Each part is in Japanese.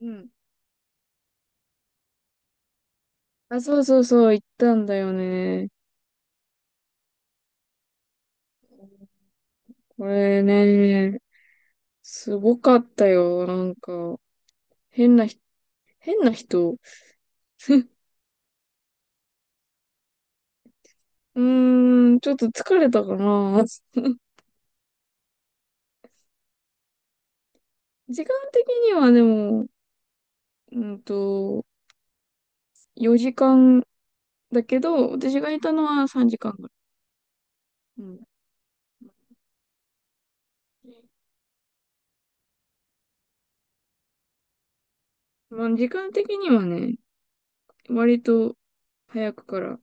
うん。あ、そうそうそう、行ったんだよね。これね、すごかったよ。なんか、変なひ、変な人。うーん、ちょっと疲れたかな。時間的にはでも、うんと、4時間だけど、私がいたのは3時間ぐらい。うん。まあ、時間的にはね、割と早くから、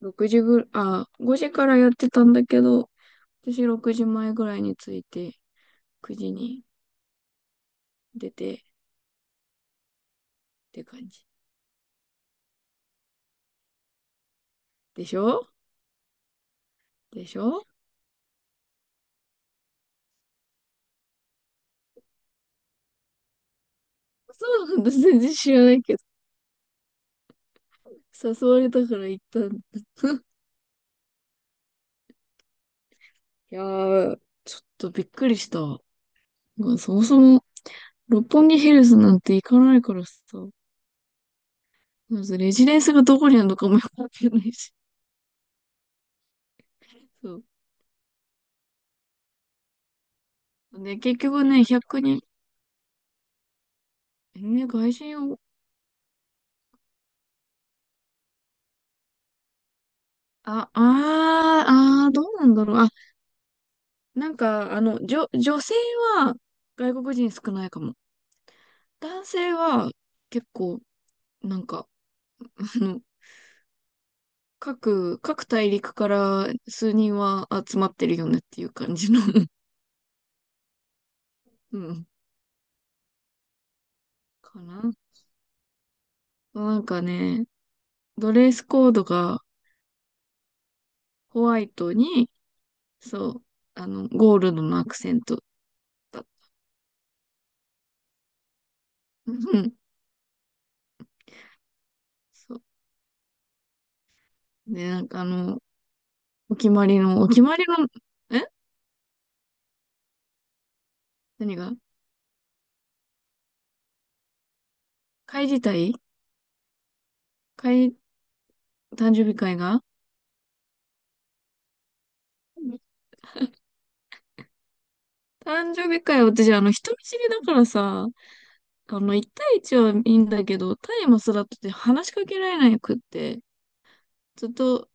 6時ぐらい、あ、5時からやってたんだけど、私6時前ぐらいに着いて、9時に出てって感じ。でしょ、でしょ。そうなんだ。全然知らないけど。誘われたから行ったんだ。いやー、ちょっとびっくりした。まあ、そもそも、六本木ヒルズなんて行かないからさ。まずレジデンスがどこにあるのかもよくわかんないし。そう。ね、結局ね、100人、ね、外人を、あ、どうなんだろう。あ、なんか、女性は外国人少ないかも。男性は結構、なんか、あの各大陸から数人は集まってるよねっていう感じの。 うん、かな。なんかね、ドレスコードがホワイトに、そう、ゴールドのアクセントだった。うん。そう。で、なんかお決まりの。え。何が？会自体。会、誕生日会が誕生日会。私、人見知りだからさ、1対1はいいんだけど、タイマスだとて話しかけられなくって、ずっと、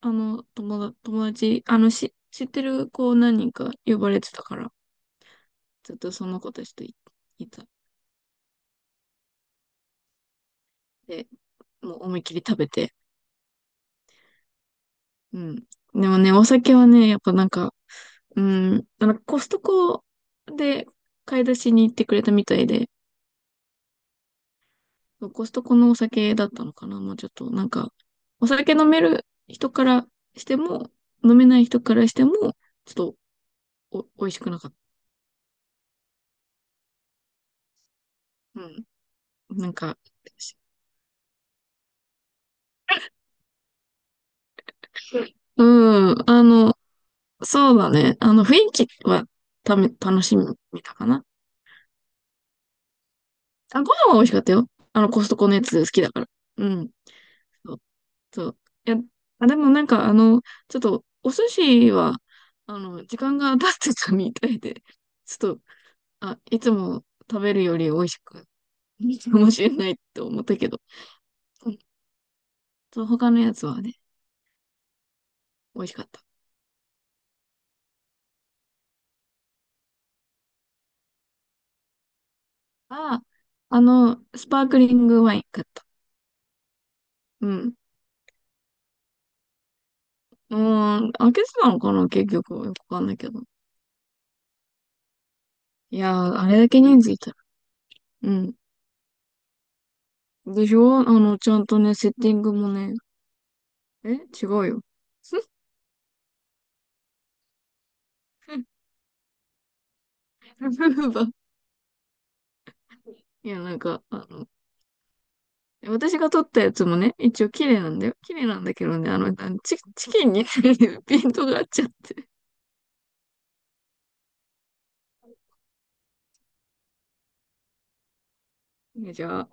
友達、知ってる子何人か呼ばれてたから、ずっとその子たちといた。で、もう思いっきり食べて。うん。でもね、お酒はね、やっぱなんか、うん、なんかコストコで買い出しに行ってくれたみたいで、コストコのお酒だったのかな、もうちょっと。なんか、お酒飲める人からしても、飲めない人からしても、ちょっと美味しくなかった。うん。なんか、うん。そうだね。雰囲気は楽しみたかな。あ、ご飯は美味しかったよ。コストコのやつ好きだから。うん。そう、そう。いや、あ、でもなんか、ちょっと、お寿司は、時間が経ってたみたいで、ちょっと、あ、いつも食べるより美味しく、いいかもしれないって思ったけど。うん。そう、他のやつはね、美味しかった。あ、スパークリングワイン買った。うん。うーん、開けてたのかな、結局。よくわかんないけど。いやー、あれだけ人数いたら。うん。でしょ。ちゃんとね、セッティングもね。え、違うよ。いや、なんか、私が撮ったやつもね、一応綺麗なんだよ。綺麗なんだけどね、チキンに ピントが合っちゃって。ね、じゃあ、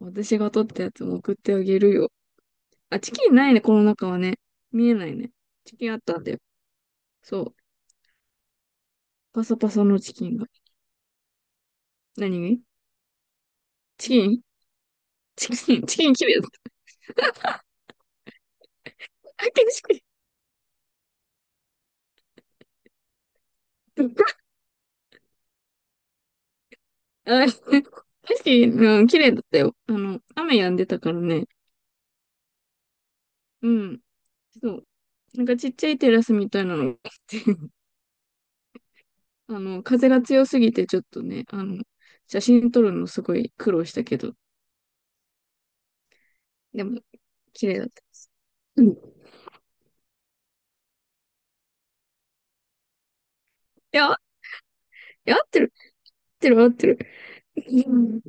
私が撮ったやつも送ってあげるよ。あ、チキンないね、この中はね。見えないね。チキンあったんだよ。そう。パサパサのチキンが。何？チキンチキン綺麗だった。あ、景色。あ、景色、うん、綺麗だったよ。雨止んでたからね。うん。そう。なんかちっちゃいテラスみたいなのがあって、風が強すぎてちょっとね、写真撮るのすごい苦労したけど、でも、綺麗だった。うん。いや、いや、合ってる、合ってる、合ってる。うん。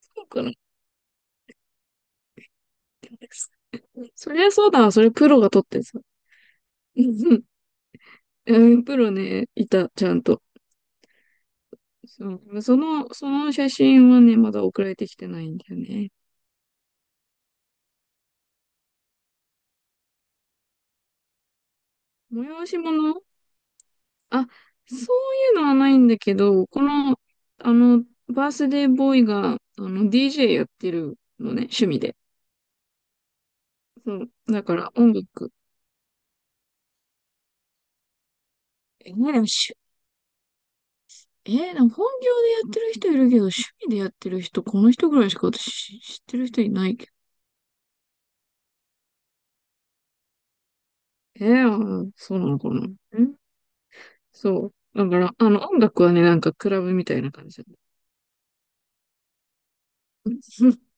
そうかな。そりゃそうだな、それプロが撮ってさ。うん。うん、プロね、いた、ちゃんと。そう、その写真はね、まだ送られてきてないんだよね。催し物？あ、そういうのはないんだけど、この、バースデーボーイが、DJ やってるのね、趣味で。そう。だから音楽。え、ね、でもしゅ、えー、でも本業でやってる人いるけど、趣味でやってる人、この人ぐらいしか私知ってる人いないけど。あ、そうなのかな。ん、そう。だから、音楽はね、なんかクラブみたいな感じだね。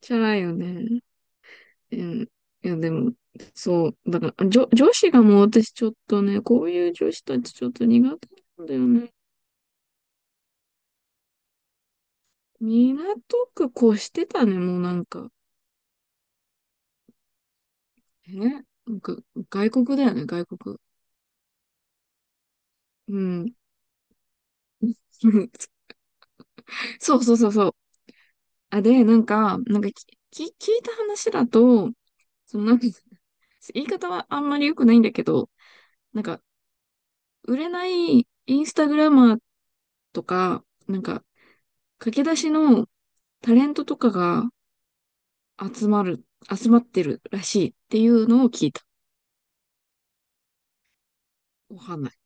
じゃないよね。うん。いや、でも、そう、だから、女子がもう私ちょっとね、こういう女子たちちょっと苦手なんだよね。港区越してたね、もうなんか。なんか、外国だよね、外国。うん。そうそうそうそう。あ、で、なんか、なんか聞いた話だと、そのなんか、言い方はあんまり良くないんだけど、なんか、売れないインスタグラマーとか、なんか、駆け出しのタレントとかが、集まる、集まってるらしいっていうのを聞いた。わかんない。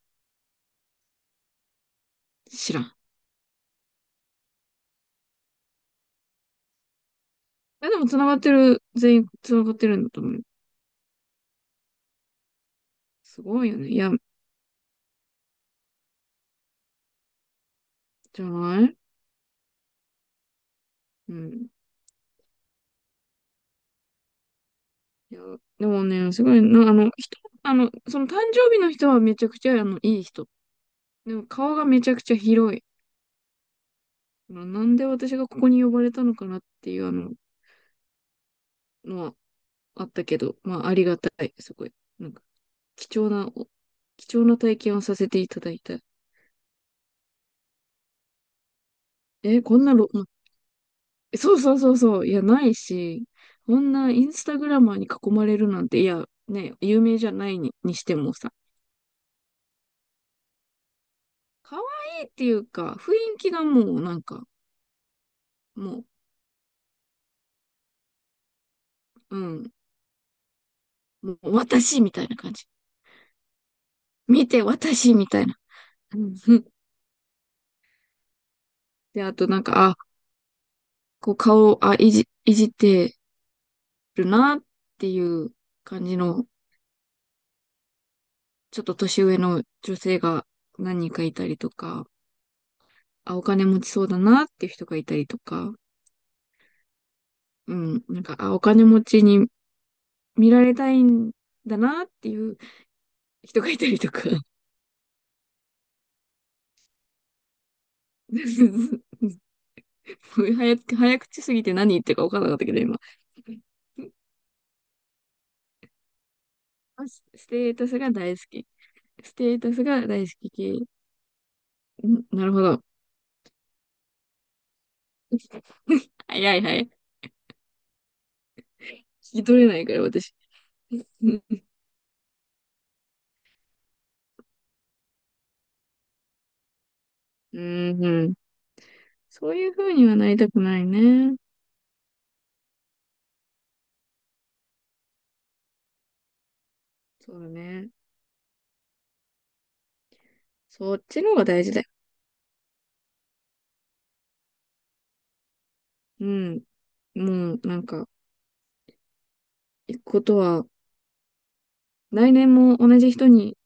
知らん。え、でも繋がってる、全員繋がってるんだと思う。すごいよね。いや、じゃない。うん。いや、でもね、すごいな。あの、人、あの、その誕生日の人はめちゃくちゃ、いい人。でも顔がめちゃくちゃ広い。まあなんで私がここに呼ばれたのかなっていう、のはあったけど、まあ、ありがたい。すごい。なんか、貴重な、貴重な体験をさせていただいた。え、こんなろそうそうそうそう。いや、ないし、こんなインスタグラマーに囲まれるなんて、いや、ね、有名じゃないにしてもさ、可愛いっていうか、雰囲気がもうなんか、もうん、もう私みたいな感じ。見て、私みたいな。うん。 で、あとなんか、あ、こう顔、あ、いじ、いじってるなっていう感じの、ちょっと年上の女性が何人かいたりとか、あ、お金持ちそうだなっていう人がいたりとか、うん、なんか、あ、お金持ちに見られたいんだなっていう人がいたりとか。もう早く、早口すぎて何言ってるか分からなかったけど、今。ステータスが大好き。ステータスが大好き系。ん、なるほど。早い早い。聞き取れないから、私。うんうん。そういう風にはなりたくないね。そうだね。そっちの方が大事だよ。うん。もう、なんか、行くことは、来年も同じ人に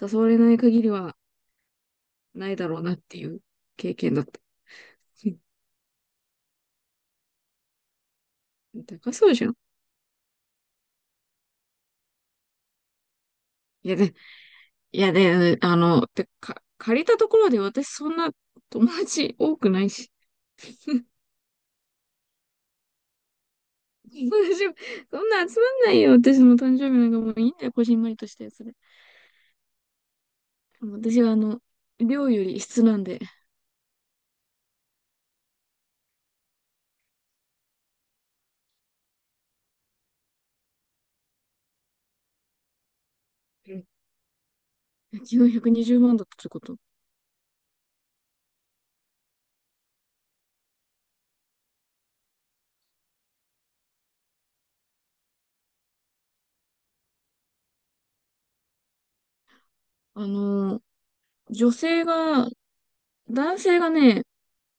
誘われない限りは、ないだろうなっていう経験だった。高そうじゃん。いやで、いやで、借りたところで私そんな友達多くないし。友達、そんな集まんないよ。私の誕生日なんかもういいんだよ。こじんまりとしたやつで。私は量より質なんで。昨日120万だったってこと？あの、女性が、男性がね、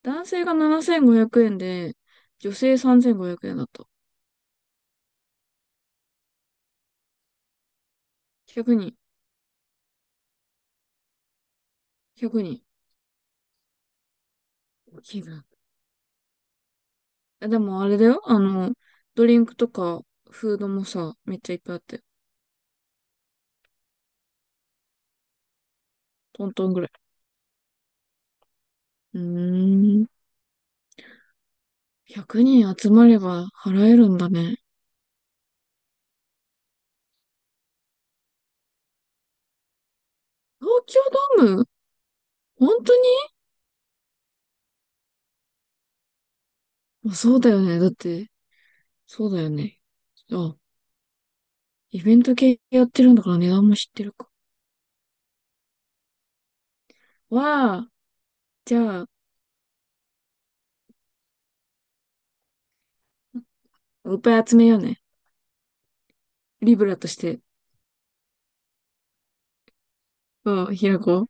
男性が7500円で、女性3500円だった。1人、100人。大きいな。でもあれだよ。ドリンクとか、フードもさ、めっちゃいっぱいあって、トントンぐらい。うーん。100人集まれば払えるんだね。東京ドーム。本当に？まあそうだよね。だって、そうだよね。あ、イベント系やってるんだから値段も知ってるか。わあ、じゃあ、いっぱい集めようね。リブラとして、うん、開こう。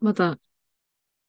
また